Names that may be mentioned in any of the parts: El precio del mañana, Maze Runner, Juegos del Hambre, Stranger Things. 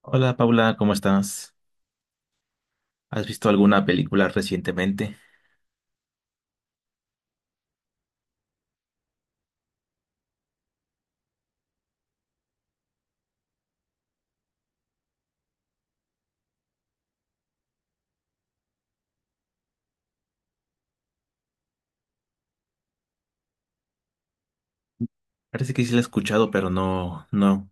Hola Paula, ¿cómo estás? ¿Has visto alguna película recientemente? Parece que sí la he escuchado, pero no, no.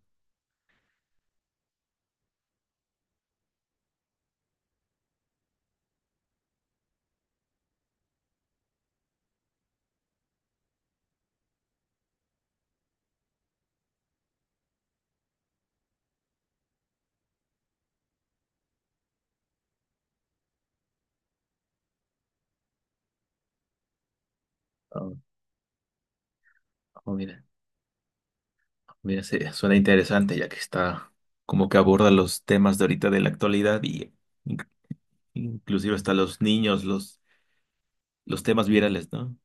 Oh, oh, mira, suena interesante ya que está como que aborda los temas de ahorita de la actualidad y inc- inclusive hasta los niños, los temas virales, ¿no?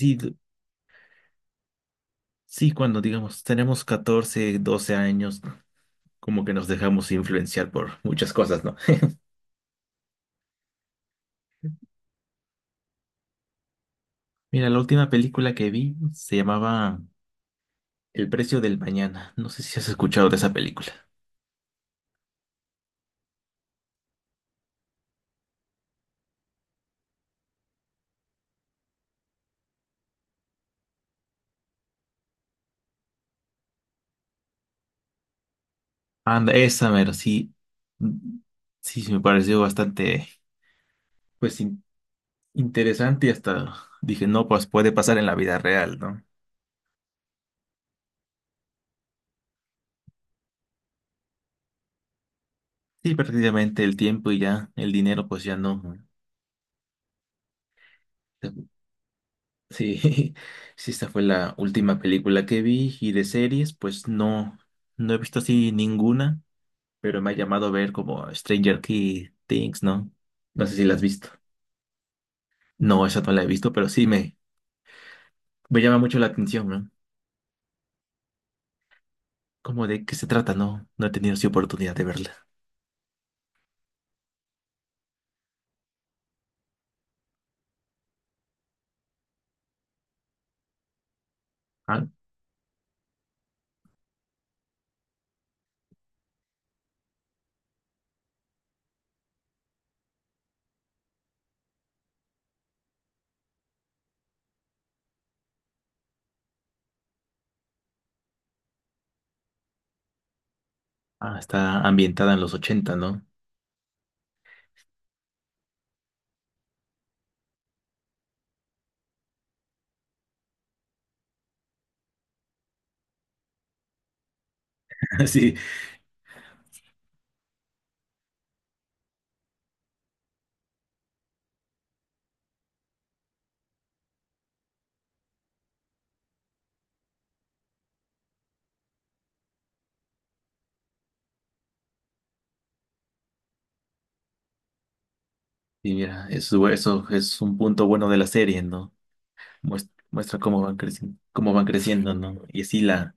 Sí, d- sí, cuando digamos tenemos 14, 12 años, como que nos dejamos influenciar por muchas cosas, ¿no? Mira, la última película que vi se llamaba El precio del mañana. No sé si has escuchado de esa película. Anda, esa mero, sí. Mm. Sí, sí me pareció bastante, pues, in- interesante y hasta dije, no, pues puede pasar en la vida real, ¿no? Sí, prácticamente el tiempo y ya, el dinero, pues ya no. Sí, sí, esta fue la última película que vi y de series, pues no, no he visto así ninguna, pero me ha llamado a ver como Stranger Key Things, ¿no? No sé si la has visto. No, esa no la he visto, me llama mucho la atención, ¿no? ¿Cómo de qué se trata? No, no he tenido así oportunidad de verla. Ah, ah, está ambientada en los 80, ¿no? Sí, y mira, eso es un punto bueno de la serie, ¿no? Muestra, cómo van creciendo, ¿no? Y así la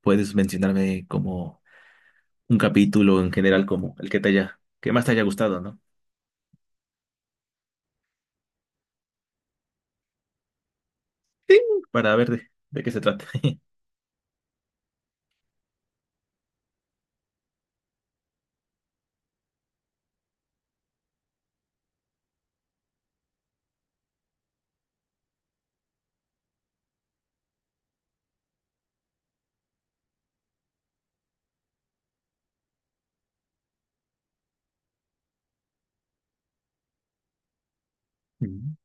puedes mencionarme como un capítulo en general, como el que te haya, que más te haya gustado, ¿no? Sí. Para ver de qué se trata. Mm.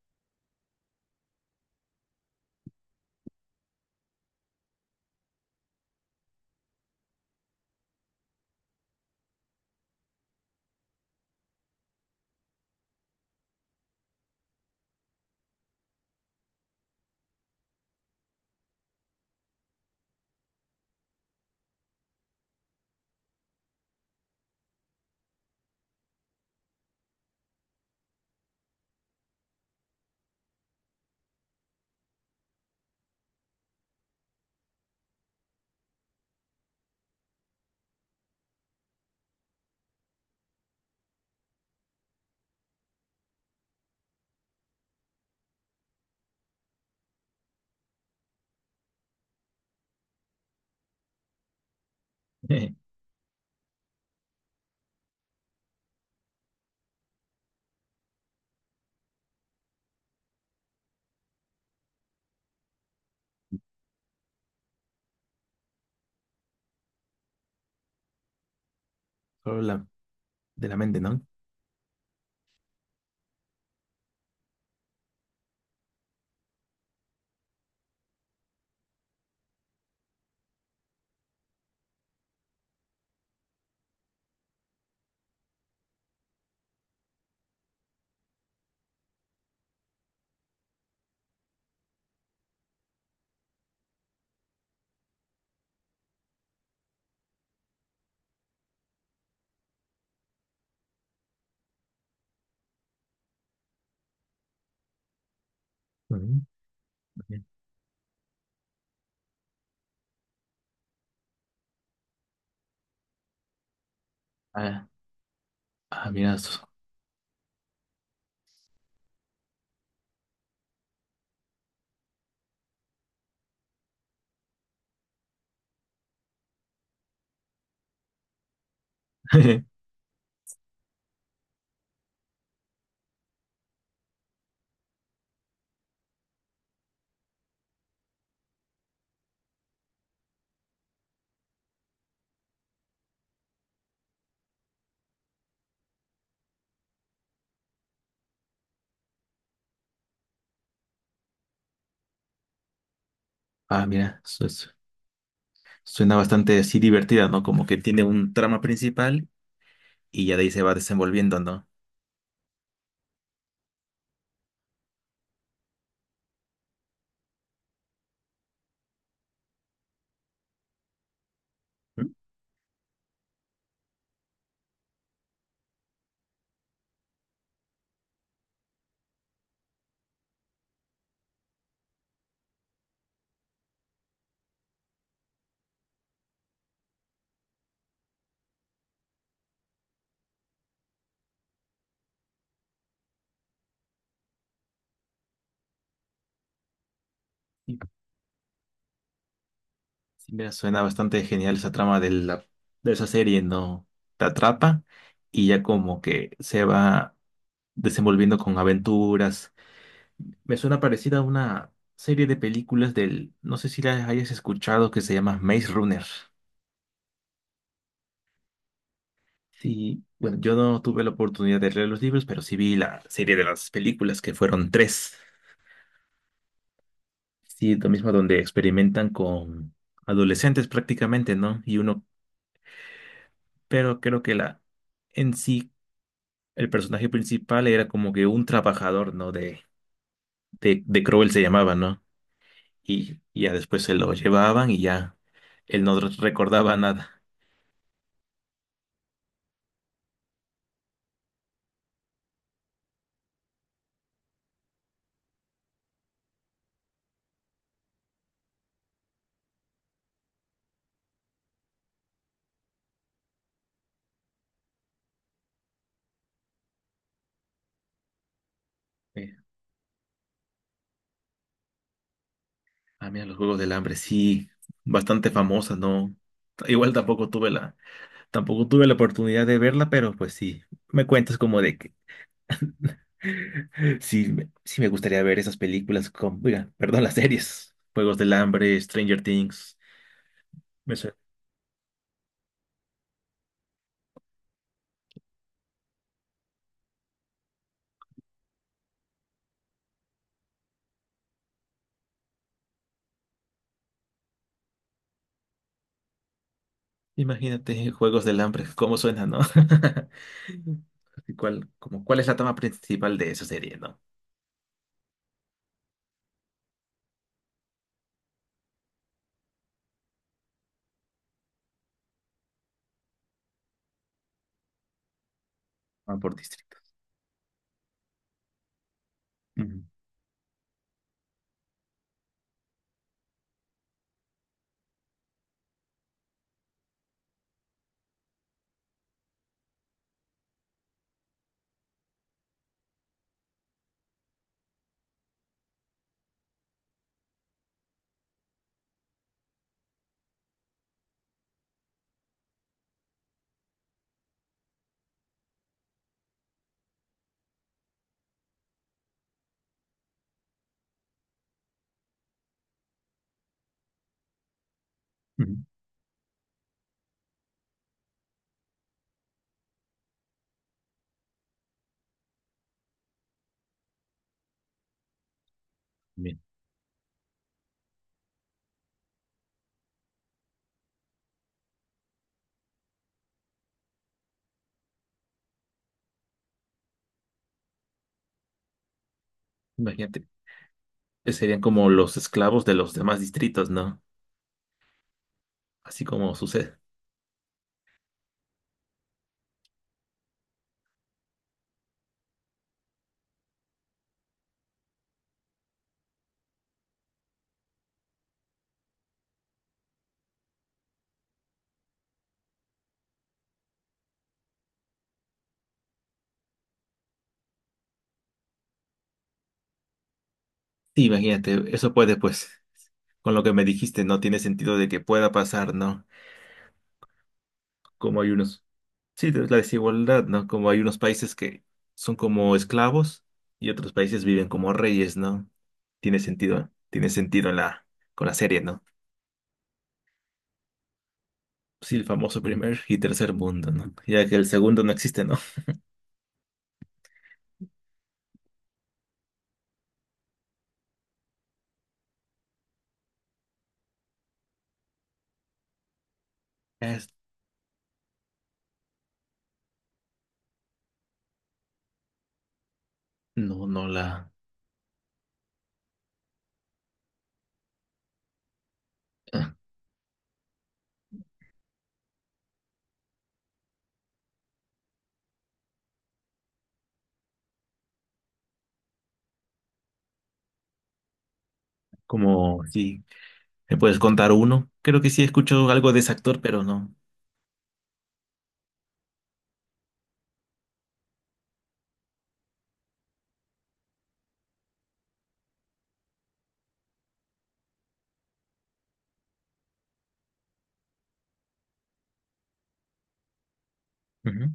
Eh, solo la de la mente, ¿no? Mm. Ok. Ah, ah, mira, eso. Ah, mira, eso. Suena bastante así divertida, ¿no? Como que tiene un trama principal y ya de ahí se va desenvolviendo, ¿no? Mm. Y- Sí, mira, suena bastante genial esa trama de esa serie, ¿no? Te atrapa y ya como que se va desenvolviendo con aventuras. Me suena parecida a una serie de películas del, no sé si la hayas escuchado, que se llama Maze Runner. Sí, bueno, yo no tuve la oportunidad de leer los libros, pero sí vi la serie de las películas, que fueron tres. Sí, lo mismo donde experimentan con adolescentes prácticamente, ¿no? Y uno, pero creo que la en sí, el personaje principal era como que un trabajador, ¿no? De Crowell se llamaba, ¿no? Y ya después se lo llevaban y ya él no recordaba nada. Eh, ah, mira, los Juegos del Hambre, sí, bastante famosa, ¿no? Igual tampoco tuve la, tampoco tuve la oportunidad de verla, pero pues sí, me cuentas como de que sí me gustaría ver esas películas con, oiga, perdón, las series. Juegos del Hambre, Stranger Things. Me suena. Imagínate, Juegos del Hambre, cómo suena, ¿no? ¿Cuál, cuál es la trama principal de esa serie, ¿no? Van por distrito. Ujú, ujú. Bien. Imagínate, serían como los esclavos de los demás distritos, ¿no? Así como sucede. Sí, imagínate, eso puede, pues, con lo que me dijiste, no tiene sentido de que pueda pasar, ¿no? Como hay unos. La desigualdad, ¿no? Como hay unos países que son como esclavos y otros países viven como reyes, ¿no? Tiene sentido la, con la serie, ¿no? Sí, el famoso primer y tercer mundo, ¿no? Ya que el segundo no existe, ¿no? Es- no, no la... ah. Como, sí, ¿me puedes contar uno? Creo que sí escucho algo de ese actor, pero no. Ujú,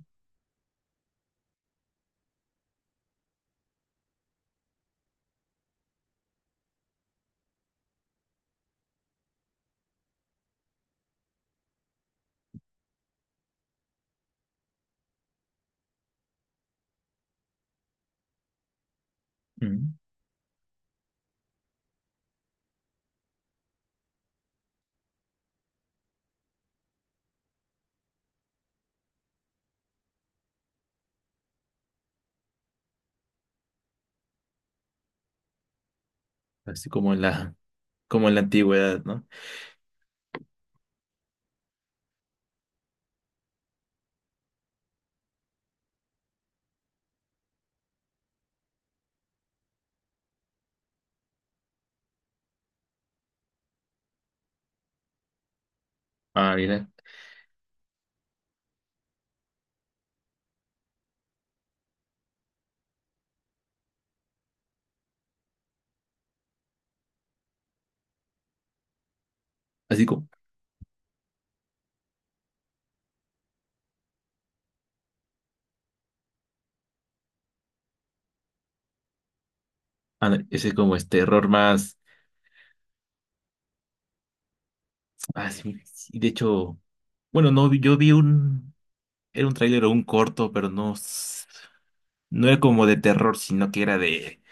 ujú. Así como en la antigüedad, ¿no? Ah, mira, así como, ah, ese como este error más. Ah, sí, sí, de hecho, bueno, no, yo vi un, era un tráiler o un corto, pero no, no era como de terror, sino que era de,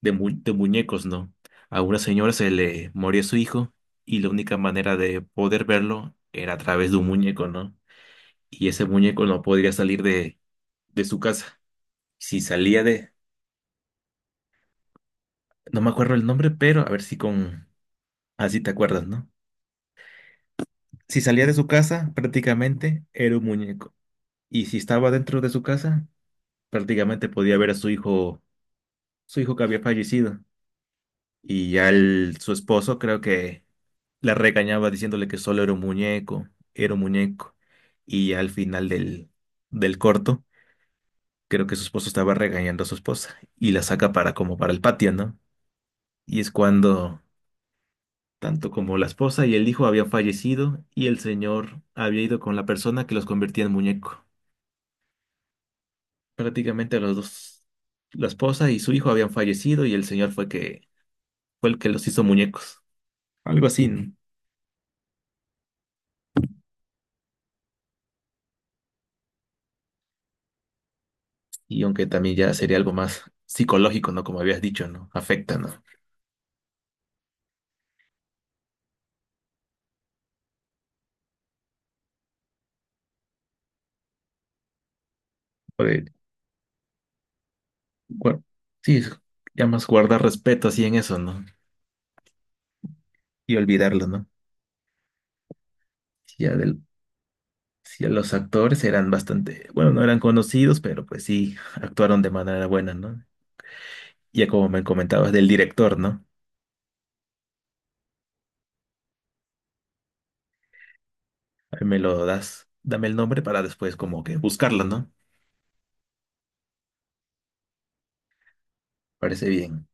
de, mu- de muñecos, ¿no? A una señora se le moría su hijo y la única manera de poder verlo era a través de un muñeco, ¿no? Y ese muñeco no podría salir de su casa. Si salía de, no me acuerdo el nombre, pero a ver si con, así te acuerdas, ¿no? Si salía de su casa, prácticamente era un muñeco. Y si estaba dentro de su casa, prácticamente podía ver a su hijo que había fallecido. Y ya su esposo creo que la regañaba diciéndole que solo era un muñeco, era un muñeco. Y ya al final del corto, creo que su esposo estaba regañando a su esposa y la saca para como para el patio, ¿no? Y es cuando tanto como la esposa y el hijo habían fallecido y el señor había ido con la persona que los convertía en muñeco. Prácticamente los dos, la esposa y su hijo habían fallecido y el señor fue que fue el que los hizo muñecos. Algo así, ¿no? Y aunque también ya sería algo más psicológico, ¿no? Como habías dicho, ¿no? Afecta, ¿no? Puede guar- sí, ya más guardar respeto así en eso, ¿no? Y olvidarlo, ¿no? Si Ya del, sí, los actores eran bastante, bueno, no eran conocidos, pero pues sí, actuaron de manera buena, ¿no? Ya como me comentabas del director, ¿no? Ahí me lo das, dame el nombre para después como que buscarlo, ¿no? Parece bien.